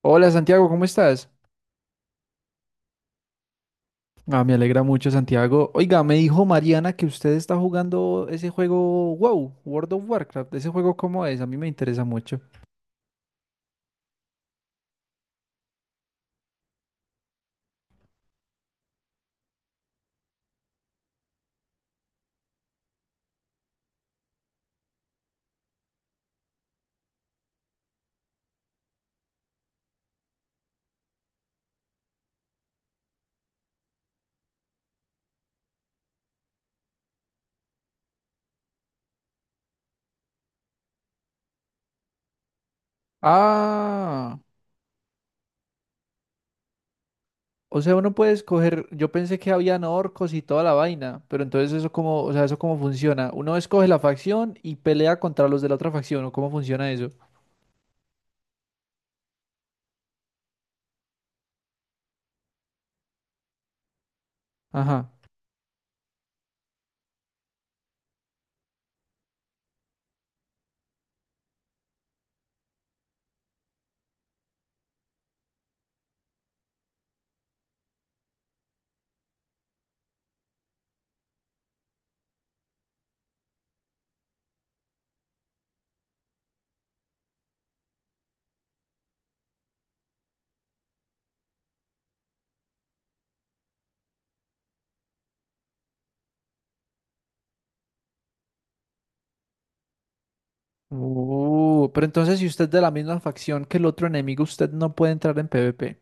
Hola Santiago, ¿cómo estás? Ah, me alegra mucho Santiago. Oiga, me dijo Mariana que usted está jugando ese juego WoW, World of Warcraft. ¿Ese juego cómo es? A mí me interesa mucho. Ah, o sea, uno puede escoger, yo pensé que habían orcos y toda la vaina, pero entonces eso cómo, o sea, eso cómo funciona. Uno escoge la facción y pelea contra los de la otra facción, ¿o cómo funciona eso? Ajá. Pero entonces si usted es de la misma facción que el otro enemigo, usted no puede entrar en PvP.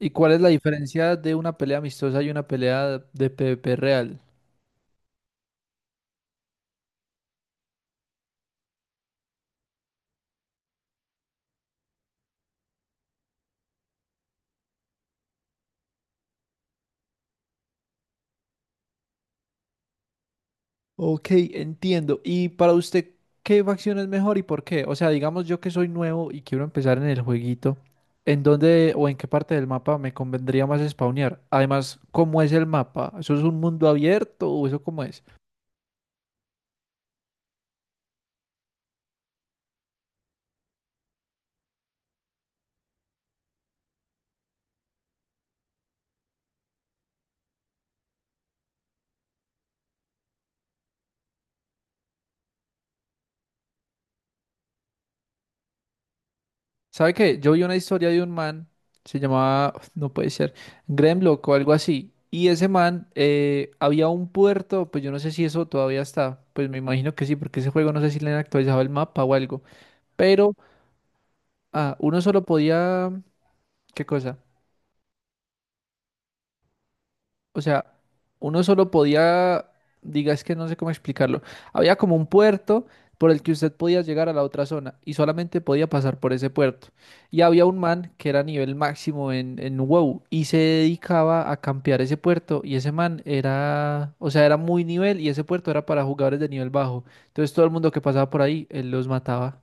¿Y cuál es la diferencia de una pelea amistosa y una pelea de PvP real? Ok, entiendo. ¿Y para usted qué facción es mejor y por qué? O sea, digamos yo que soy nuevo y quiero empezar en el jueguito, ¿en dónde o en qué parte del mapa me convendría más spawnear? Además, ¿cómo es el mapa? ¿Eso es un mundo abierto o eso cómo es? ¿Sabe qué? Yo vi una historia de un man, se llamaba, no puede ser, Gremlock o algo así. Y ese man, había un puerto, pues yo no sé si eso todavía está, pues me imagino que sí, porque ese juego no sé si le han actualizado el mapa o algo. Pero ah, uno solo podía, ¿qué cosa? O sea, uno solo podía, diga, es que no sé cómo explicarlo. Había como un puerto por el que usted podía llegar a la otra zona y solamente podía pasar por ese puerto. Y había un man que era nivel máximo en WoW y se dedicaba a campear ese puerto y ese man era, o sea, era muy nivel y ese puerto era para jugadores de nivel bajo. Entonces todo el mundo que pasaba por ahí, él los mataba.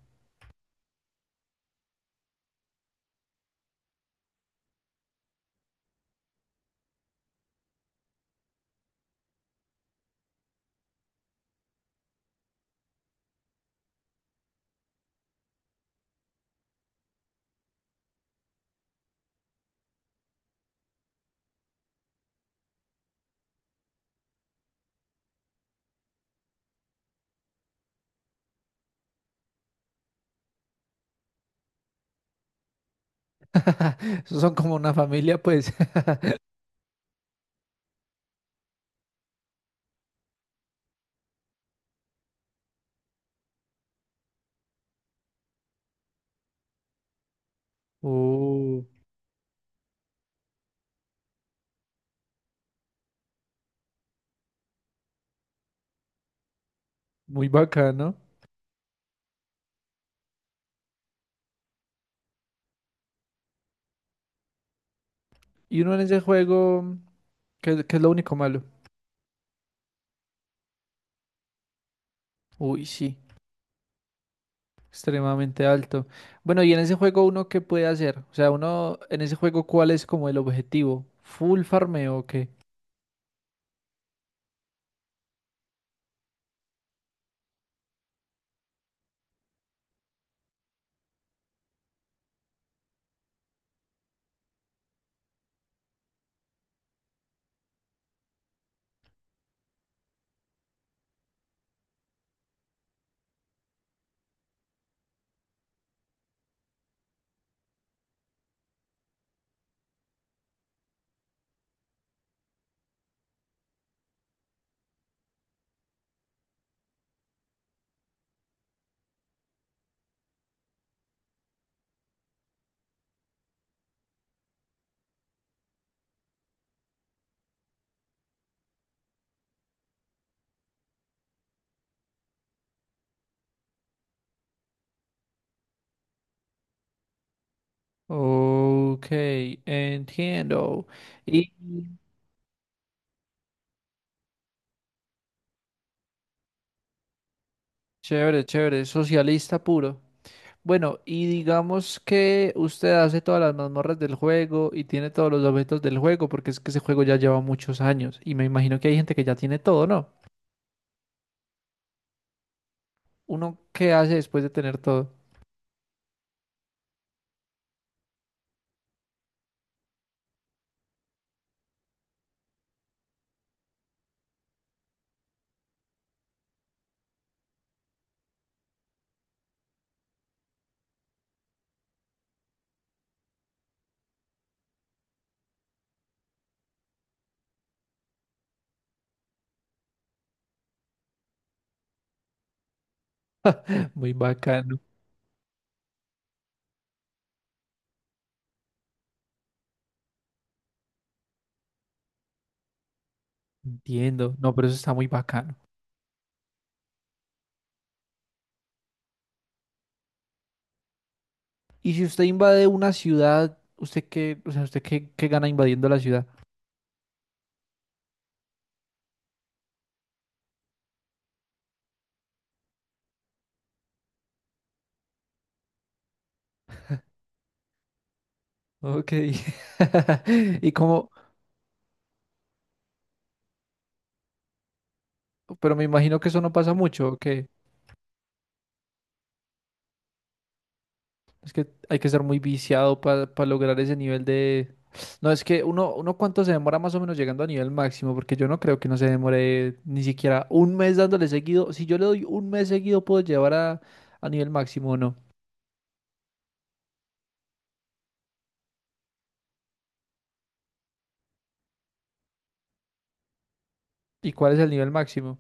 Esos son como una familia, pues. Oh, muy bacano. Y uno en ese juego. ¿Qué, qué es lo único malo? Uy, sí, extremadamente alto. Bueno, ¿y en ese juego uno qué puede hacer? O sea, uno en ese juego ¿cuál es como el objetivo? ¿Full farmeo o qué? Ok, entiendo. Y chévere, chévere, socialista puro. Bueno, y digamos que usted hace todas las mazmorras del juego y tiene todos los objetos del juego, porque es que ese juego ya lleva muchos años y me imagino que hay gente que ya tiene todo, ¿no? ¿Uno qué hace después de tener todo? Muy bacano. Entiendo, no, pero eso está muy bacano. Y si usted invade una ciudad, ¿usted qué, o sea, usted qué, qué gana invadiendo la ciudad? Ok. Y como, pero me imagino que eso no pasa mucho, ¿o qué? Es que hay que ser muy viciado para lograr ese nivel de… No, es que uno, uno ¿cuánto se demora más o menos llegando a nivel máximo? Porque yo no creo que no se demore ni siquiera un mes dándole seguido. Si yo le doy un mes seguido, ¿puedo llevar a nivel máximo o no? ¿Y cuál es el nivel máximo?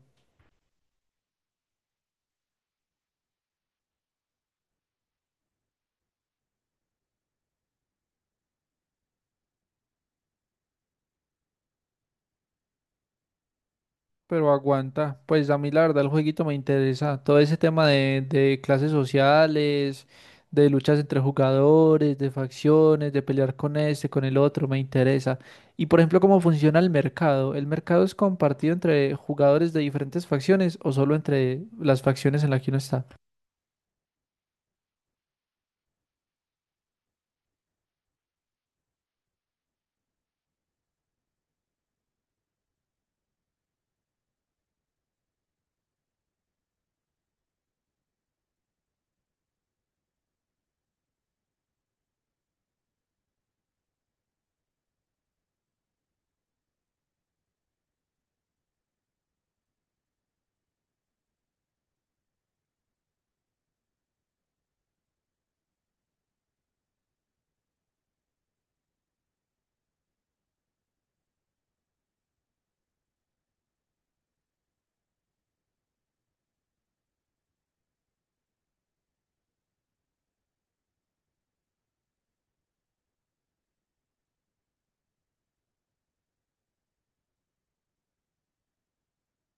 Pero aguanta, pues a mí la verdad el jueguito me interesa. Todo ese tema de clases sociales, de luchas entre jugadores, de facciones, de pelear con este, con el otro, me interesa. Y por ejemplo, ¿cómo funciona el mercado? ¿El mercado es compartido entre jugadores de diferentes facciones o solo entre las facciones en las que uno está?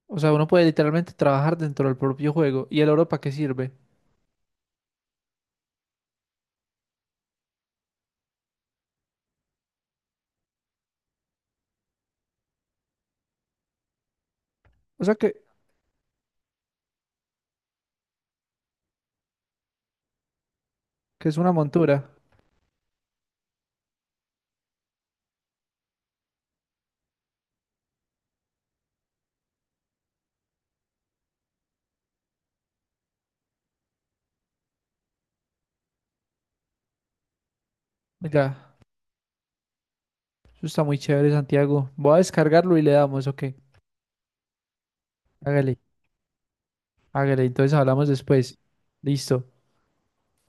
O sea, uno puede literalmente trabajar dentro del propio juego. ¿Y el oro para qué sirve? O sea, que es una montura? Mira, eso está muy chévere, Santiago. Voy a descargarlo y le damos, ok. Hágale. Hágale, entonces hablamos después. Listo.